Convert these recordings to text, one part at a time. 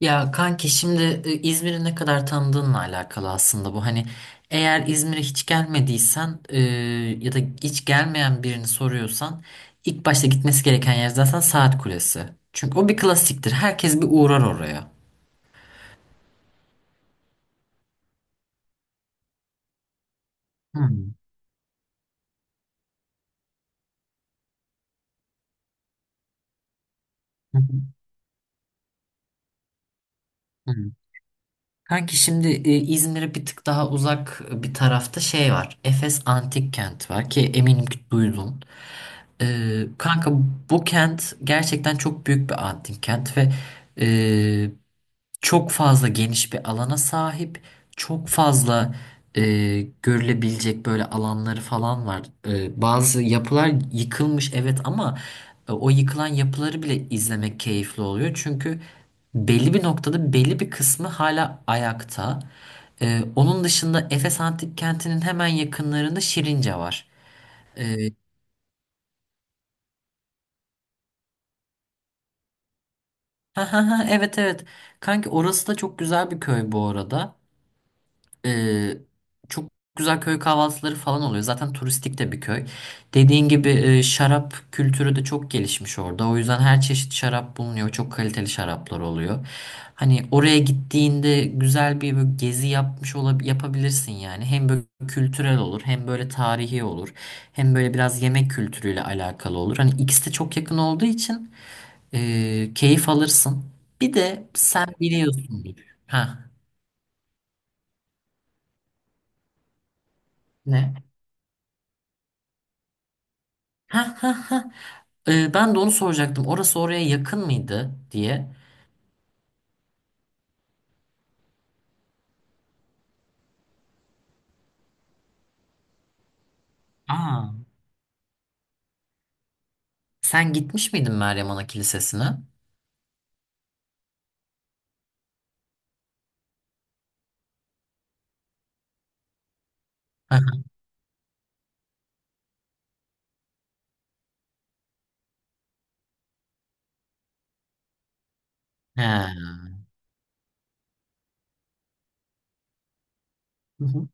Ya kanki şimdi İzmir'i ne kadar tanıdığınla alakalı aslında bu. Hani eğer İzmir'e hiç gelmediysen ya da hiç gelmeyen birini soruyorsan ilk başta gitmesi gereken yer zaten Saat Kulesi. Çünkü o bir klasiktir. Herkes bir uğrar oraya. Hmm. Hı hı, hı. Kanki şimdi İzmir'e bir tık daha uzak bir tarafta şey var. Efes Antik Kent var ki eminim ki duydun. Kanka bu kent gerçekten çok büyük bir antik kent ve e, çok fazla geniş bir alana sahip, çok fazla e, görülebilecek böyle alanları falan var. Bazı yapılar yıkılmış evet ama o yıkılan yapıları bile izlemek keyifli oluyor. Çünkü belli bir noktada belli bir kısmı hala ayakta. Onun dışında Efes Antik Kenti'nin hemen yakınlarında Şirince var. E, ha ha ha evet evet. Kanki orası da çok güzel bir köy bu arada. Ee, Çok güzel köy kahvaltıları falan oluyor. Zaten turistik de bir köy. Dediğin gibi şarap kültürü de çok gelişmiş orada. O yüzden her çeşit şarap bulunuyor. Çok kaliteli şaraplar oluyor. Hani oraya gittiğinde güzel bir böyle gezi yapmış olab yapabilirsin yani. Hem böyle kültürel olur, hem böyle tarihi olur, hem böyle biraz yemek kültürüyle alakalı olur. Hani ikisi de çok yakın olduğu için keyif alırsın. Bir de sen biliyorsundur. Ha, ne? Ha ha ha. Ben de onu soracaktım. Orası oraya yakın mıydı diye. Aa. Sen gitmiş miydin Meryem Ana Kilisesi'ne? Hı hı. He. Hı hı.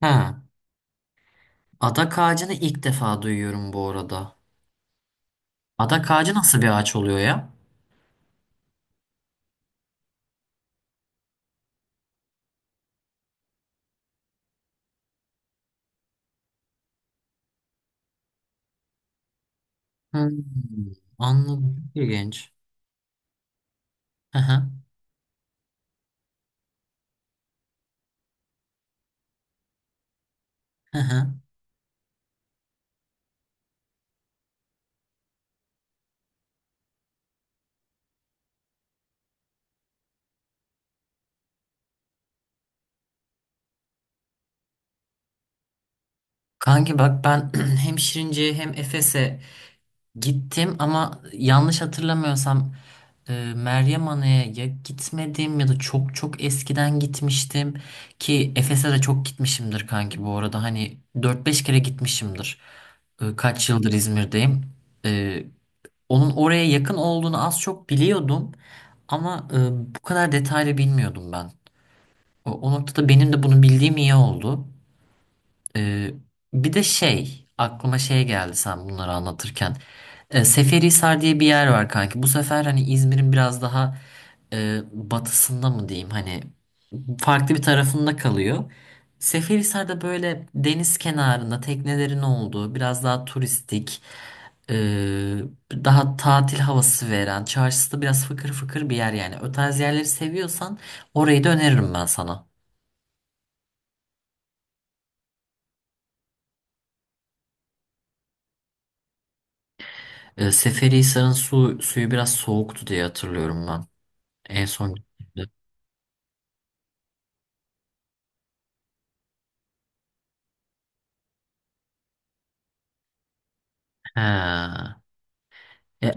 Ha. Adak ağacını ilk defa duyuyorum bu arada. Adak ağacı nasıl bir ağaç oluyor ya? Hmm, anladım. Çok İlginç. Hı hı, hı hı. Kanki bak ben hem Şirince'ye hem Efes'e gittim ama yanlış hatırlamıyorsam Meryem Ana'ya ya gitmedim ya da çok çok eskiden gitmiştim ki Efes'e de çok gitmişimdir kanki bu arada hani dört beş kere gitmişimdir. Kaç yıldır İzmir'deyim. E, Onun oraya yakın olduğunu az çok biliyordum ama bu kadar detaylı bilmiyordum ben. O noktada benim de bunu bildiğim iyi oldu. Ee, Bir de şey aklıma şey geldi sen bunları anlatırken. Seferihisar diye bir yer var kanki. Bu sefer hani İzmir'in biraz daha batısında mı diyeyim hani farklı bir tarafında kalıyor. Seferihisar'da böyle deniz kenarında teknelerin olduğu biraz daha turistik e, daha tatil havası veren çarşısı da biraz fıkır fıkır bir yer yani. O tarz yerleri seviyorsan orayı da öneririm ben sana. Seferihisar'ın suyu biraz soğuktu diye hatırlıyorum ben. En son gittiğimde. Ha. E,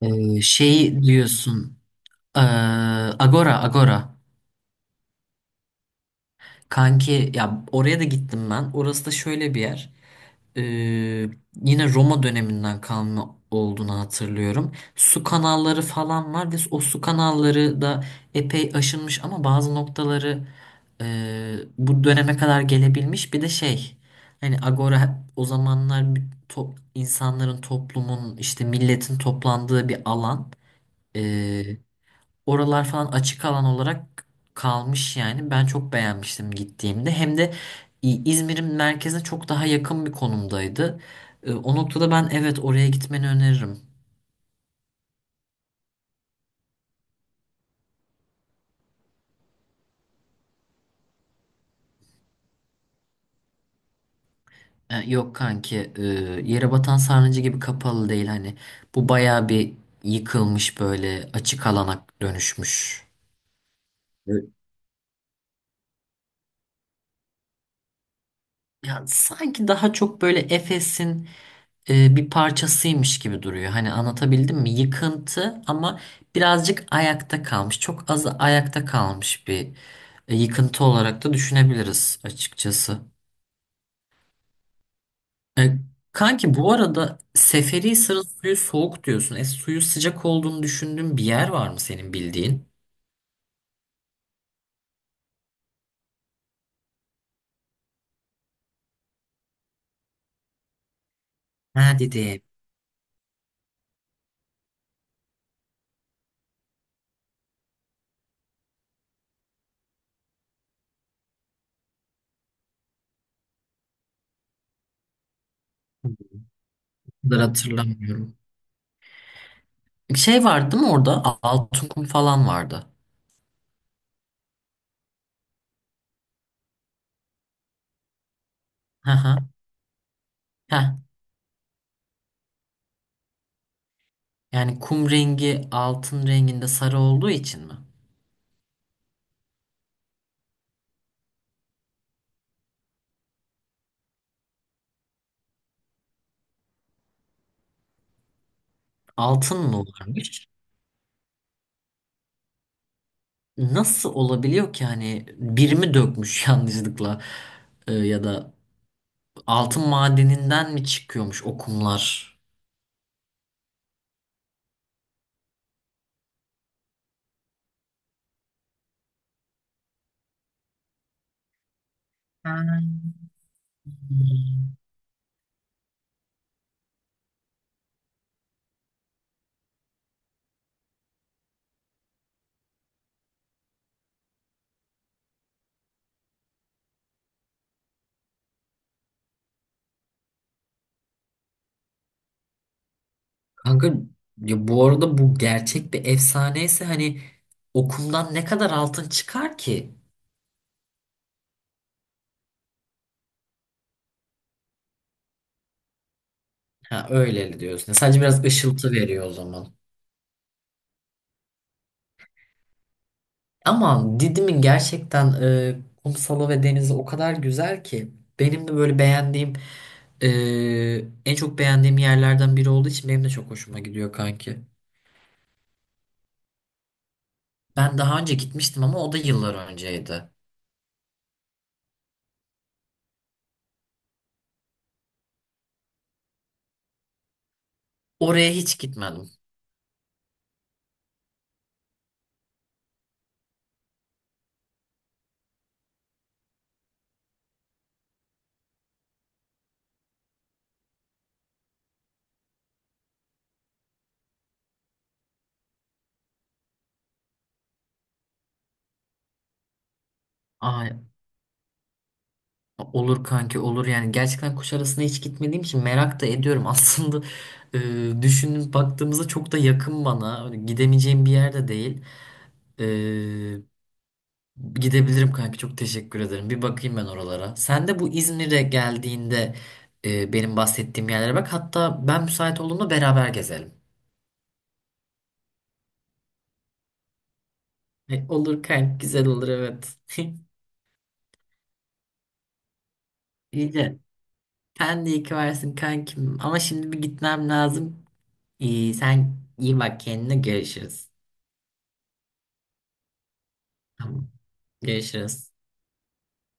Şey diyorsun. e, Agora, Agora. Kanki ya oraya da gittim ben. Orası da şöyle bir yer. Ee, Yine Roma döneminden kalma olduğunu hatırlıyorum. Su kanalları falan var ve o su kanalları da epey aşınmış ama bazı noktaları e, bu döneme kadar gelebilmiş. Bir de şey hani Agora o zamanlar bir insanların toplumun işte milletin toplandığı bir alan. Ee, Oralar falan açık alan olarak kalmış yani. Ben çok beğenmiştim gittiğimde. Hem de İzmir'in merkezine çok daha yakın bir konumdaydı. O noktada ben evet oraya gitmeni öneririm. Yok kanki, yere batan sarnıcı gibi kapalı değil hani. Bu bayağı bir yıkılmış böyle açık alana dönüşmüş. Evet. Ya sanki daha çok böyle Efes'in bir parçasıymış gibi duruyor. Hani anlatabildim mi? Yıkıntı ama birazcık ayakta kalmış. Çok az ayakta kalmış bir yıkıntı olarak da düşünebiliriz açıkçası. E, Kanki bu arada Seferihisar'ın suyu soğuk diyorsun. Suyu sıcak olduğunu düşündüğün bir yer var mı senin bildiğin? Ha dedi. Bu kadar hatırlamıyorum. Şey vardı değil mi orada? Altın kum falan vardı. Hı hı. Heh. Yani kum rengi altın renginde sarı olduğu için mi? Altın mı varmış? Nasıl olabiliyor ki hani birimi dökmüş yanlışlıkla. Ya da altın madeninden mi çıkıyormuş o kumlar? Kanka ya bu arada bu gerçek bir efsaneyse hani okumdan ne kadar altın çıkar ki? Ha, öyle diyorsun. Sadece biraz ışıltı veriyor o zaman. Ama Didim'in gerçekten kumsalı ve denizi o kadar güzel ki benim de böyle beğendiğim e, en çok beğendiğim yerlerden biri olduğu için benim de çok hoşuma gidiyor kanki. Ben daha önce gitmiştim ama o da yıllar önceydi. Oraya hiç gitmedim. Ay, olur kanki, olur yani, gerçekten Kuşadası'na hiç gitmediğim için merak da ediyorum. Aslında düşünüp baktığımızda çok da yakın bana. Hani gidemeyeceğim bir yerde değil. E, Gidebilirim kanka, çok teşekkür ederim. Bir bakayım ben oralara. Sen de bu İzmir'e geldiğinde benim bahsettiğim yerlere bak. Hatta ben müsait olduğumda beraber gezelim. Olur kanka, güzel olur, evet. İyi de sen de iyi ki varsın kankim. Ama şimdi bir gitmem lazım. İyi, sen iyi bak kendine, görüşürüz. Tamam, görüşürüz.